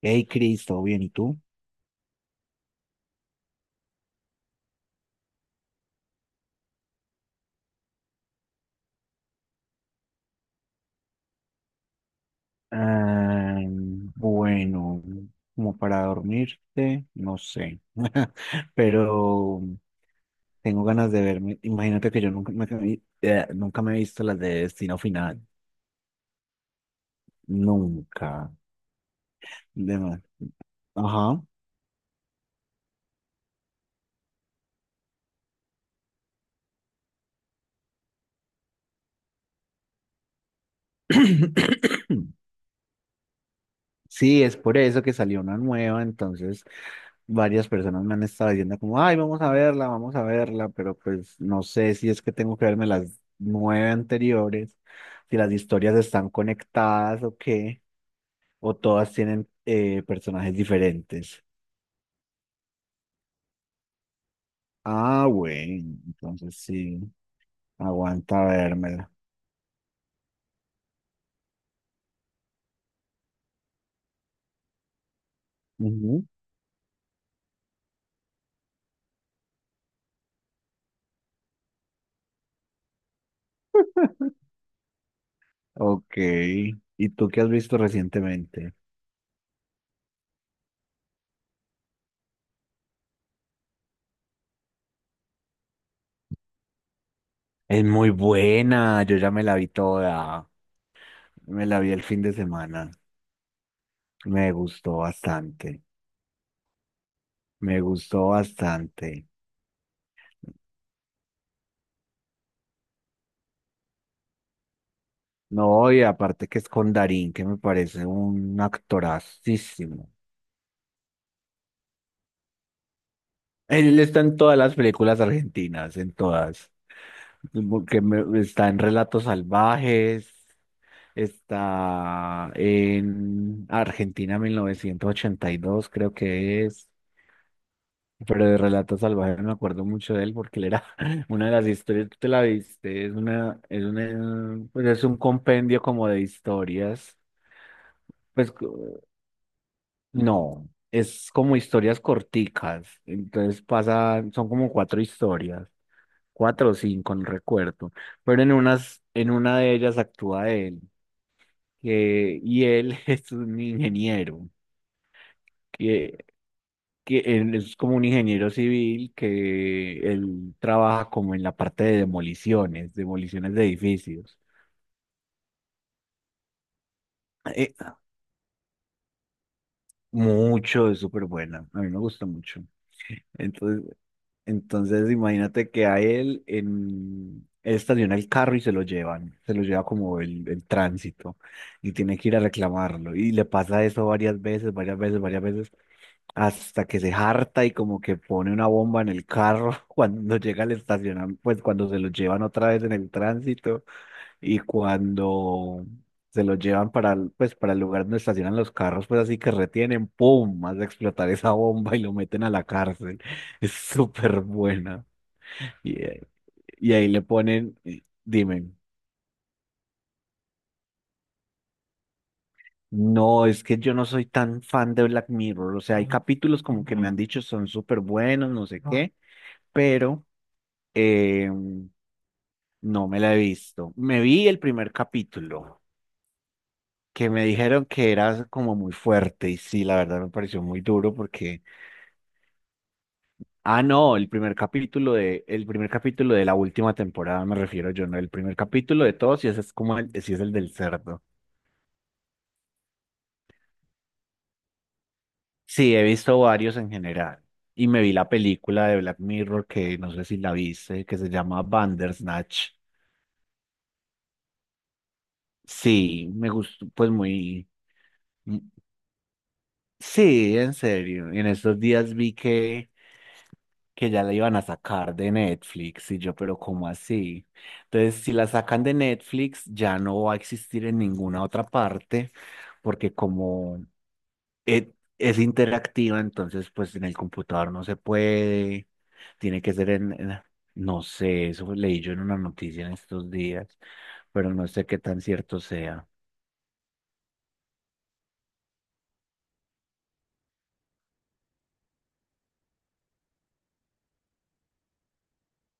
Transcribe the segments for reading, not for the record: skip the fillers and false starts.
Hey, Chris, ¿todo bien? ¿Y tú? Ah, bueno, como para dormirte, no sé. Pero tengo ganas de verme. Imagínate que yo nunca me he visto las de Destino Final, nunca. De más. Ajá. Sí, es por eso que salió una nueva, entonces varias personas me han estado diciendo como, ay, vamos a verla, pero pues no sé si es que tengo que verme las nueve anteriores, si las historias están conectadas o qué, o todas tienen personajes diferentes. Ah, bueno, entonces sí, aguanta vérmela. Ujú. Ok, ¿y tú qué has visto recientemente? Es muy buena, yo ya me la vi toda, me la vi el fin de semana, me gustó bastante. Me gustó bastante. No, y aparte que es con Darín, que me parece un actorazísimo. Él está en todas las películas argentinas, en todas. Está en Relatos Salvajes, está en Argentina 1982 creo que es. Pero de Relatos Salvajes me acuerdo mucho de él porque él era una de las historias. Tú te la viste, pues es un compendio como de historias. Pues no, es como historias corticas, entonces pasa, son como cuatro historias, cuatro o cinco, no recuerdo, pero en una de ellas actúa él, y él es un ingeniero, que, que él es como un ingeniero civil, que él trabaja como en la parte de demoliciones, demoliciones de edificios. Eh, mucho, es súper buena, a mí me gusta mucho. Entonces, Entonces, imagínate que a él, él estaciona el carro y se lo llevan, se lo lleva como el tránsito, y tiene que ir a reclamarlo. Y le pasa eso varias veces, varias veces, varias veces, hasta que se harta y como que pone una bomba en el carro cuando llega al estacionamiento, pues cuando se lo llevan otra vez en el tránsito, y cuando se lo llevan para el lugar donde estacionan los carros, pues así que retienen, ¡pum! Más de explotar esa bomba y lo meten a la cárcel. Es súper buena. Y, eh, y ahí le ponen, dime. No, es que yo no soy tan fan de Black Mirror, o sea, hay capítulos como que me han dicho son súper buenos, no sé qué, pero eh, no me la he visto. Me vi el primer capítulo, que me dijeron que era como muy fuerte, y sí, la verdad me pareció muy duro porque, ah, no, el primer capítulo de la última temporada me refiero yo. No, el primer capítulo de todos, y ese es como el, sí, es el del cerdo. Sí, he visto varios en general y me vi la película de Black Mirror, que no sé si la viste, que se llama Bandersnatch. Sí, me gustó, pues muy. Sí, en serio. Y en estos días vi que ya la iban a sacar de Netflix y yo, pero ¿cómo así? Entonces, si la sacan de Netflix, ya no va a existir en ninguna otra parte, porque como e- es interactiva, entonces pues en el computador no se puede, tiene que ser en- no sé, eso leí yo en una noticia en estos días, pero no sé qué tan cierto sea.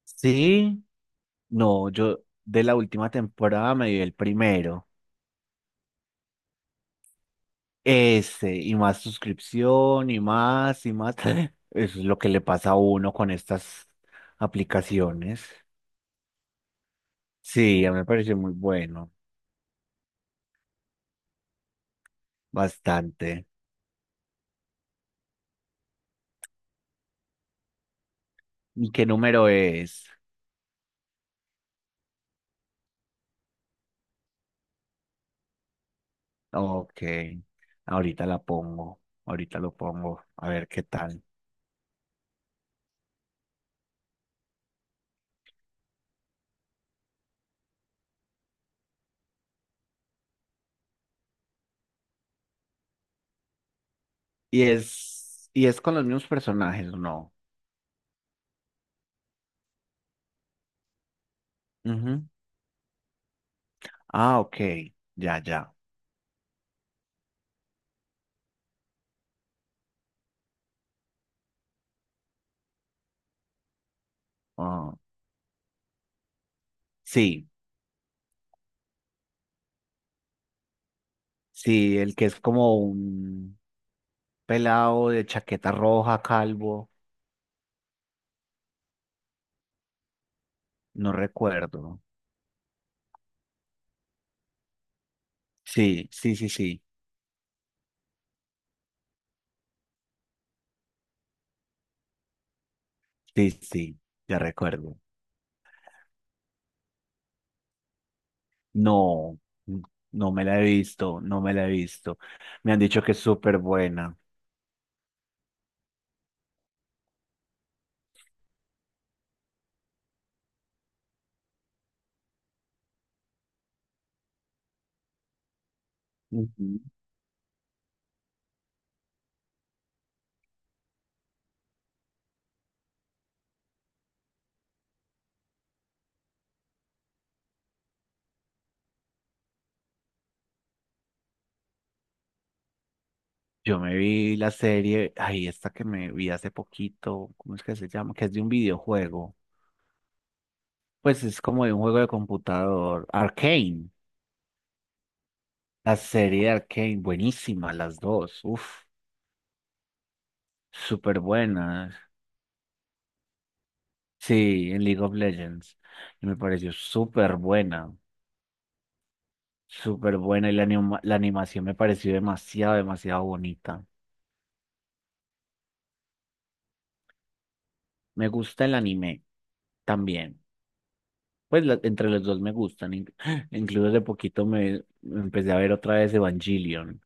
Sí. No, yo de la última temporada me vi el primero. Ese, y más suscripción, y más, y más. Eso es lo que le pasa a uno con estas aplicaciones. Sí, a mí me pareció muy bueno, bastante. ¿Y qué número es? Ok, ahorita la pongo, ahorita lo pongo, a ver qué tal. Y es con los mismos personajes, ¿o no? Ujú. Ah, ok, ya, ya. Ah, sí. Sí, el que es como un pelado de chaqueta roja, calvo, no recuerdo. Sí, sí, sí, sí, sí, sí, ya recuerdo. No, n- no me la he visto, no me la he visto. Me han dicho que es súper buena. Ujú. Yo me vi la serie, ay, esta que me vi hace poquito, ¿cómo es que se llama? Que es de un videojuego. Pues es como de un juego de computador, Arcane. La serie de Arcane, buenísima, las dos, uf, súper buenas. Sí, en League of Legends. Y me pareció súper buena, súper buena. Y la animación me pareció demasiado, demasiado bonita. Me gusta el anime también. Pues entre los dos me gustan. Incluso de poquito me empecé a ver otra vez Evangelion.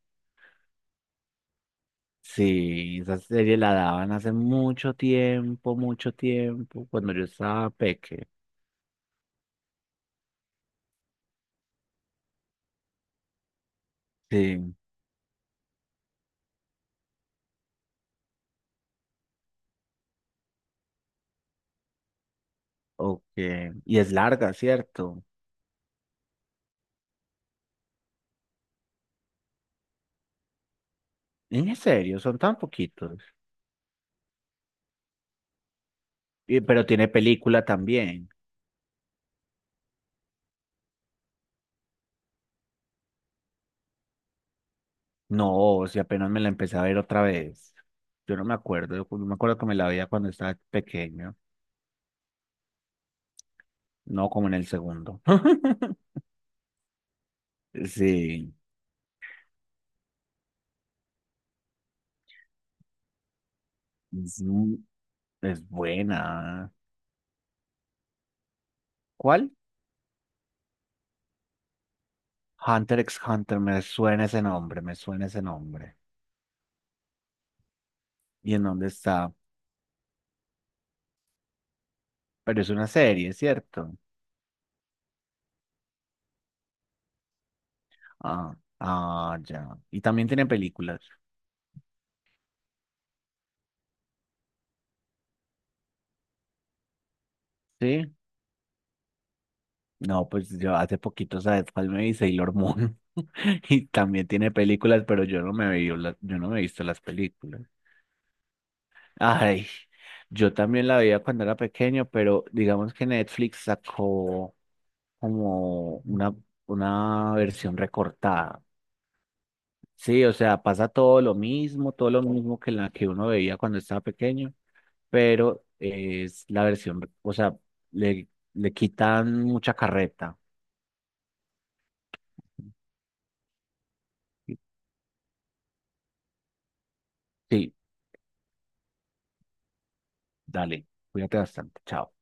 Sí, esa serie la daban hace mucho tiempo, cuando yo estaba peque. Sí, ok. Y es larga, ¿cierto? En serio, son tan poquitos. Pero tiene película también. No, si apenas me la empecé a ver otra vez. Yo no me acuerdo, yo me acuerdo que me la veía cuando estaba pequeño, no, como en el segundo. Sí, es, mu- es buena. ¿Cuál? Hunter x Hunter, me suena ese nombre, me suena ese nombre. ¿Y en dónde está? Pero es una serie, ¿cierto? Ah, ah, ya. Y también tiene películas, ¿sí? No, pues yo hace poquito, ¿sabes cuál me vi? Sailor Moon. Y también tiene películas, pero yo no me vi, yo no me he visto las películas. Ay, yo también la veía cuando era pequeño, pero digamos que Netflix sacó como una, versión recortada. Sí, o sea, pasa todo lo mismo que la que uno veía cuando estaba pequeño, pero es la versión, o sea, le, le quitan mucha carreta. Sí. Dale, cuídate bastante. Chao.